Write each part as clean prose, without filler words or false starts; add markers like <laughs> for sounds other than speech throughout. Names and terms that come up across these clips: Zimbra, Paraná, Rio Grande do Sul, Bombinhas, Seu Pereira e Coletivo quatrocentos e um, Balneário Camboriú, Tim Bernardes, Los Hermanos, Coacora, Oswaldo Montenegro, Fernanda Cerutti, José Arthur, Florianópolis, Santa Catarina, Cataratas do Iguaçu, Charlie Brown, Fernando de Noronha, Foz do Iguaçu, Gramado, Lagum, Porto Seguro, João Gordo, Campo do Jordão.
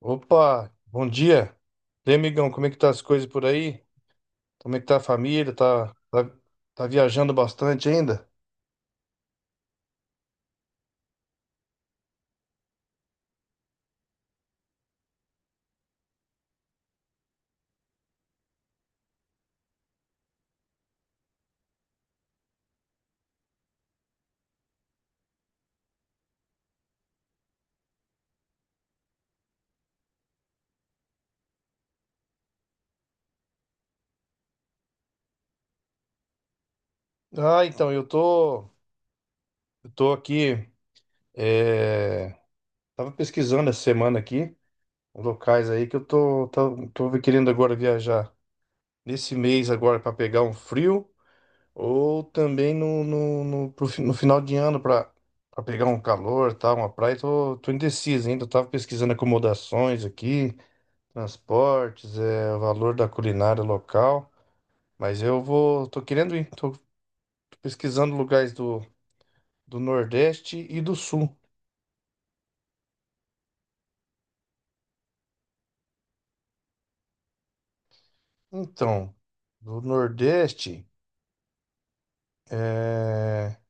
Opa, bom dia. E aí, amigão, como é que tá as coisas por aí? Como é que tá a família? Tá, tá viajando bastante ainda? Ah, então, eu tô, eu tô aqui, é, tava pesquisando essa semana aqui, locais aí que eu tô querendo agora viajar nesse mês agora para pegar um frio ou também no final de ano para pegar um calor, tá, uma praia. Tô indeciso ainda, eu tava pesquisando acomodações aqui. Transportes, o valor da culinária local. Mas tô querendo ir, tô pesquisando lugares do Nordeste e do Sul. Então, do Nordeste, é,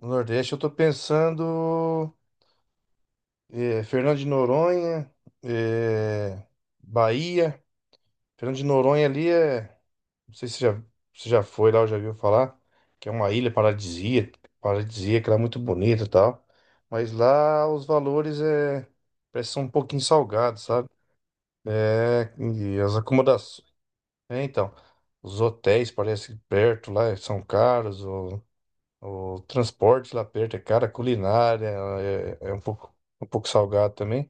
no Nordeste eu tô pensando Fernando de Noronha, é, Bahia. Fernando de Noronha ali é. Não sei se já foi lá ou já viu falar, que é uma ilha paradisíaca, lá é muito bonita e tal. Mas lá os valores é, parece que são um pouquinho salgados, sabe? É, e as acomodações. É, então, os hotéis parece que perto lá são caros, o transporte lá perto é caro, a culinária é, um pouco salgado também.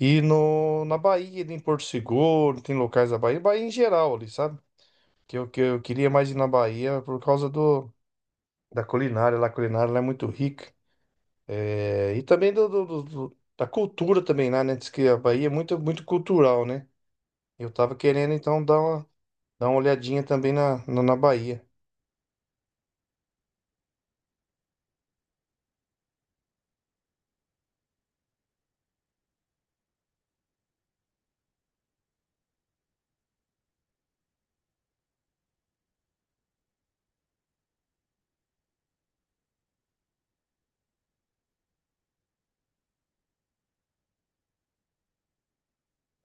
E no, na Bahia, em Porto Seguro, tem locais da Bahia, Bahia em geral ali, sabe? Que eu queria mais ir na Bahia por causa da culinária lá. A culinária lá é muito rica. É, e também da cultura também lá, né? Diz que a Bahia é muito cultural, né? Eu tava querendo então dar uma olhadinha também na Bahia.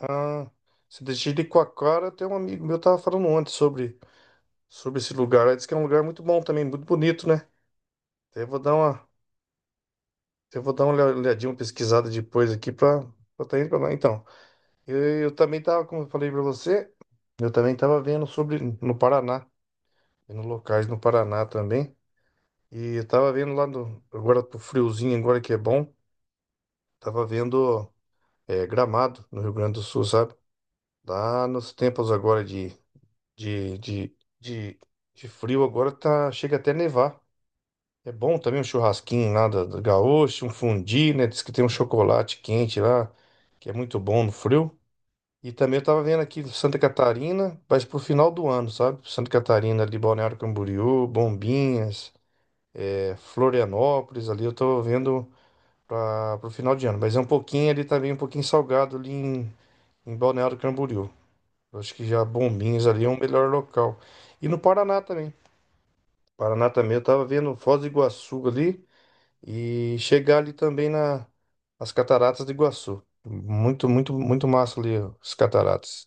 Ah, se deixar de Coacora, tem um amigo meu tava falando ontem sobre esse lugar. Ele disse que é um lugar muito bom também, muito bonito, né? Então eu vou dar uma olhadinha, uma pesquisada depois aqui pra tá indo pra lá então. Eu também tava, como eu falei pra você, eu também tava vendo sobre no Paraná, vendo locais no Paraná também. E eu tava vendo lá no, agora pro friozinho, agora que é bom, tava vendo Gramado, no Rio Grande do Sul, sabe? Lá nos tempos agora de, de, de, de frio, agora tá, chega até nevar. É bom também um churrasquinho lá da gaúcho, um fundi, né? Diz que tem um chocolate quente lá, que é muito bom no frio. E também eu tava vendo aqui Santa Catarina, mas pro final do ano, sabe? Santa Catarina, ali, Balneário Camboriú, Bombinhas, Florianópolis, ali eu tô vendo para pro final de ano. Mas é um pouquinho ali também, um pouquinho salgado ali em Balneário Camboriú. Eu acho que já Bombinhas ali é o melhor local. E no Paraná também. Paraná também eu tava vendo Foz do Iguaçu ali e chegar ali também nas Cataratas do Iguaçu. Muito massa ali ó, as cataratas.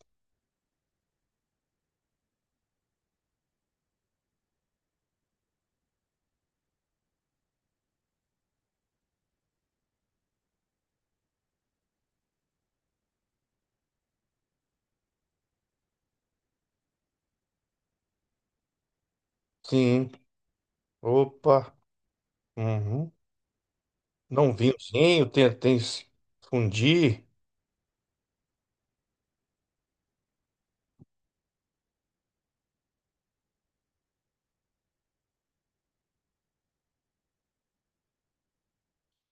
Sim. Opa! Uhum. Não, um vinhozinho, tem esse fundi.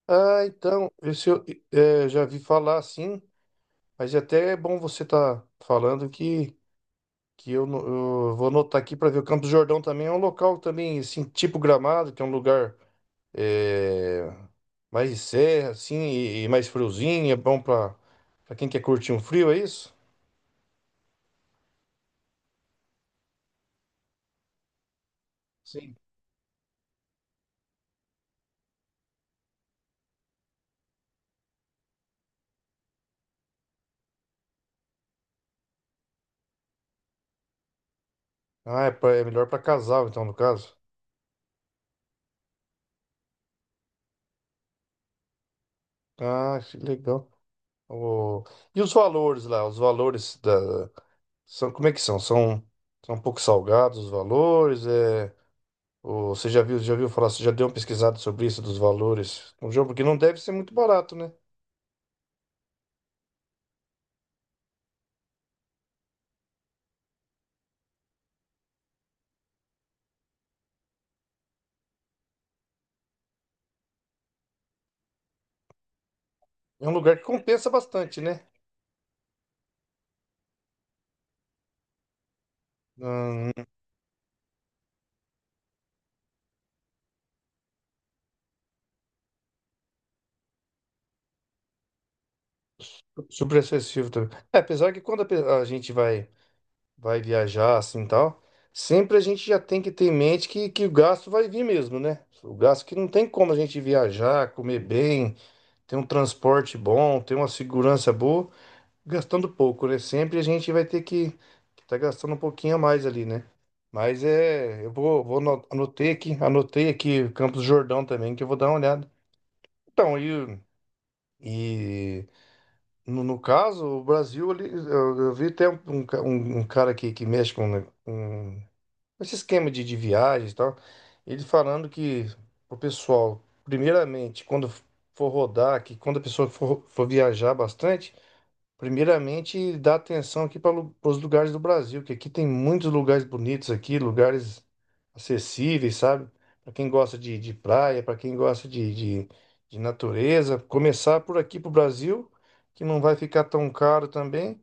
Ah, então, esse eu já vi falar assim, mas até é bom você tá falando que eu, no- eu vou anotar aqui para ver. O Campo do Jordão também é um local também, assim, tipo Gramado, que é um lugar é, mais de serra, assim, e mais friozinho, é bom para quem quer curtir um frio, é isso? Sim. Ah, é, é melhor para casal, então, no caso. Ah, que legal. O... E os valores lá? Os valores da. São... Como é que são? São, são um pouco salgados os valores? É... O... Você já viu falar, você já deu uma pesquisada sobre isso dos valores um jogo? Porque não deve ser muito barato, né? É um lugar que compensa bastante, né? Hum, super acessível também. É, apesar que quando a, pe- a gente vai, vai viajar assim e tal, sempre a gente já tem que ter em mente que o gasto vai vir mesmo, né? O gasto que não tem como a gente viajar, comer bem. Tem um transporte bom, tem uma segurança boa, gastando pouco, né? Sempre a gente vai ter que tá gastando um pouquinho a mais ali, né? Mas é, eu vou, vou ano- anotei aqui Campos do Jordão também, que eu vou dar uma olhada. Então, e, e no caso, o Brasil ali, eu vi até um cara que mexe com, né, esse esquema de viagens e tal, ele falando que o pessoal, primeiramente, quando for rodar, que quando a pessoa for viajar bastante, primeiramente dá atenção aqui para os lugares do Brasil, que aqui tem muitos lugares bonitos aqui, lugares acessíveis, sabe? Para quem gosta de praia, para quem gosta de, de natureza, começar por aqui para o Brasil, que não vai ficar tão caro também.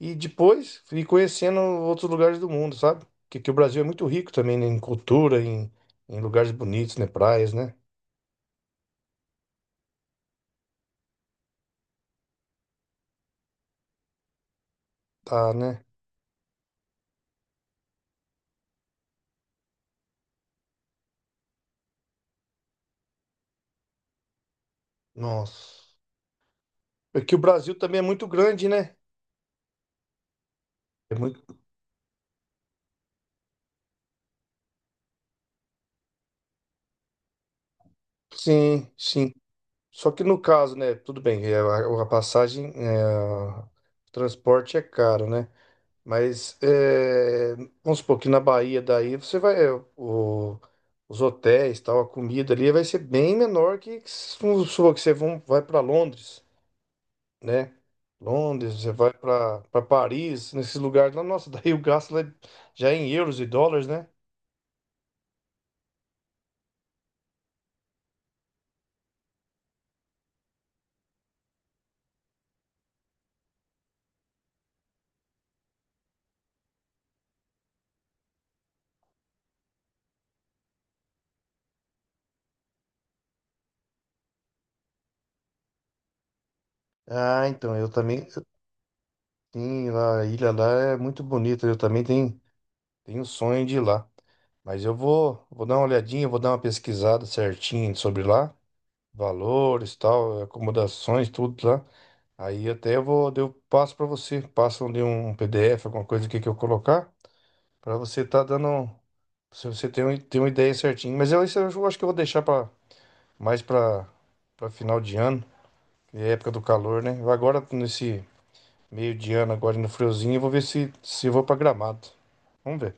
E depois ir conhecendo outros lugares do mundo, sabe? Porque que o Brasil é muito rico também, né? Em cultura, em lugares bonitos, né? Praias, né? Tá, né? Nossa. É que o Brasil também é muito grande, né? É muito... Sim, sim. Só que no caso, né? Tudo bem, é, a passagem, é, o transporte é caro, né? Mas é, vamos supor que na Bahia daí você vai. É, o- os hotéis, tal, a comida ali vai ser bem menor que se for que você vão- vai para Londres, né? Londres, você vai para Paris, nesses lugares lá, nossa, <laughs> daí o gasto lá é- já é em euros e dólares, né? Ah, então, eu também, eu lá, a ilha lá é muito bonita, eu também tenho um sonho de ir lá. Mas vou dar uma olhadinha, vou dar uma pesquisada certinho sobre lá, valores, tal, acomodações, tudo lá. Aí até eu passo para você, passam de um PDF, alguma coisa aqui que eu colocar, para você estar dando um. Se você tem, tem uma ideia certinha. Mas eu, isso eu acho que eu vou deixar mais para final de ano, que é época do calor, né? Agora, nesse meio de ano, agora no friozinho, eu vou ver se eu vou pra Gramado. Vamos ver.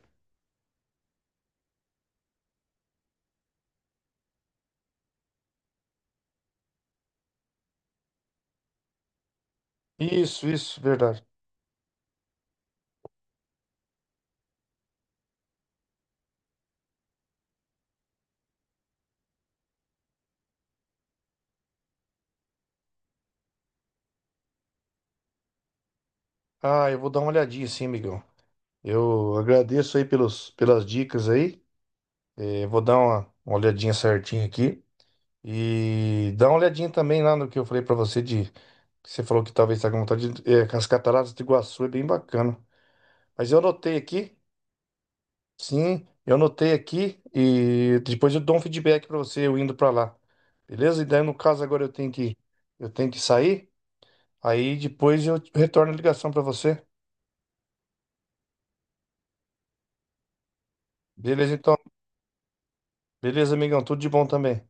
Isso, verdade. Ah, eu vou dar uma olhadinha sim, amigão. Eu agradeço aí pelos, pelas dicas aí. Eh, uma olhadinha certinha aqui. E dá uma olhadinha também lá no que eu falei pra você de. Que você falou que talvez tá com vontade de. Eh, as cataratas do Iguaçu é bem bacana. Mas eu anotei aqui, sim, eu anotei aqui e depois eu dou um feedback pra você eu indo pra lá. Beleza? E daí no caso agora eu tenho que sair, aí depois eu retorno a ligação pra você. Beleza então. Beleza, amigão, tudo de bom também.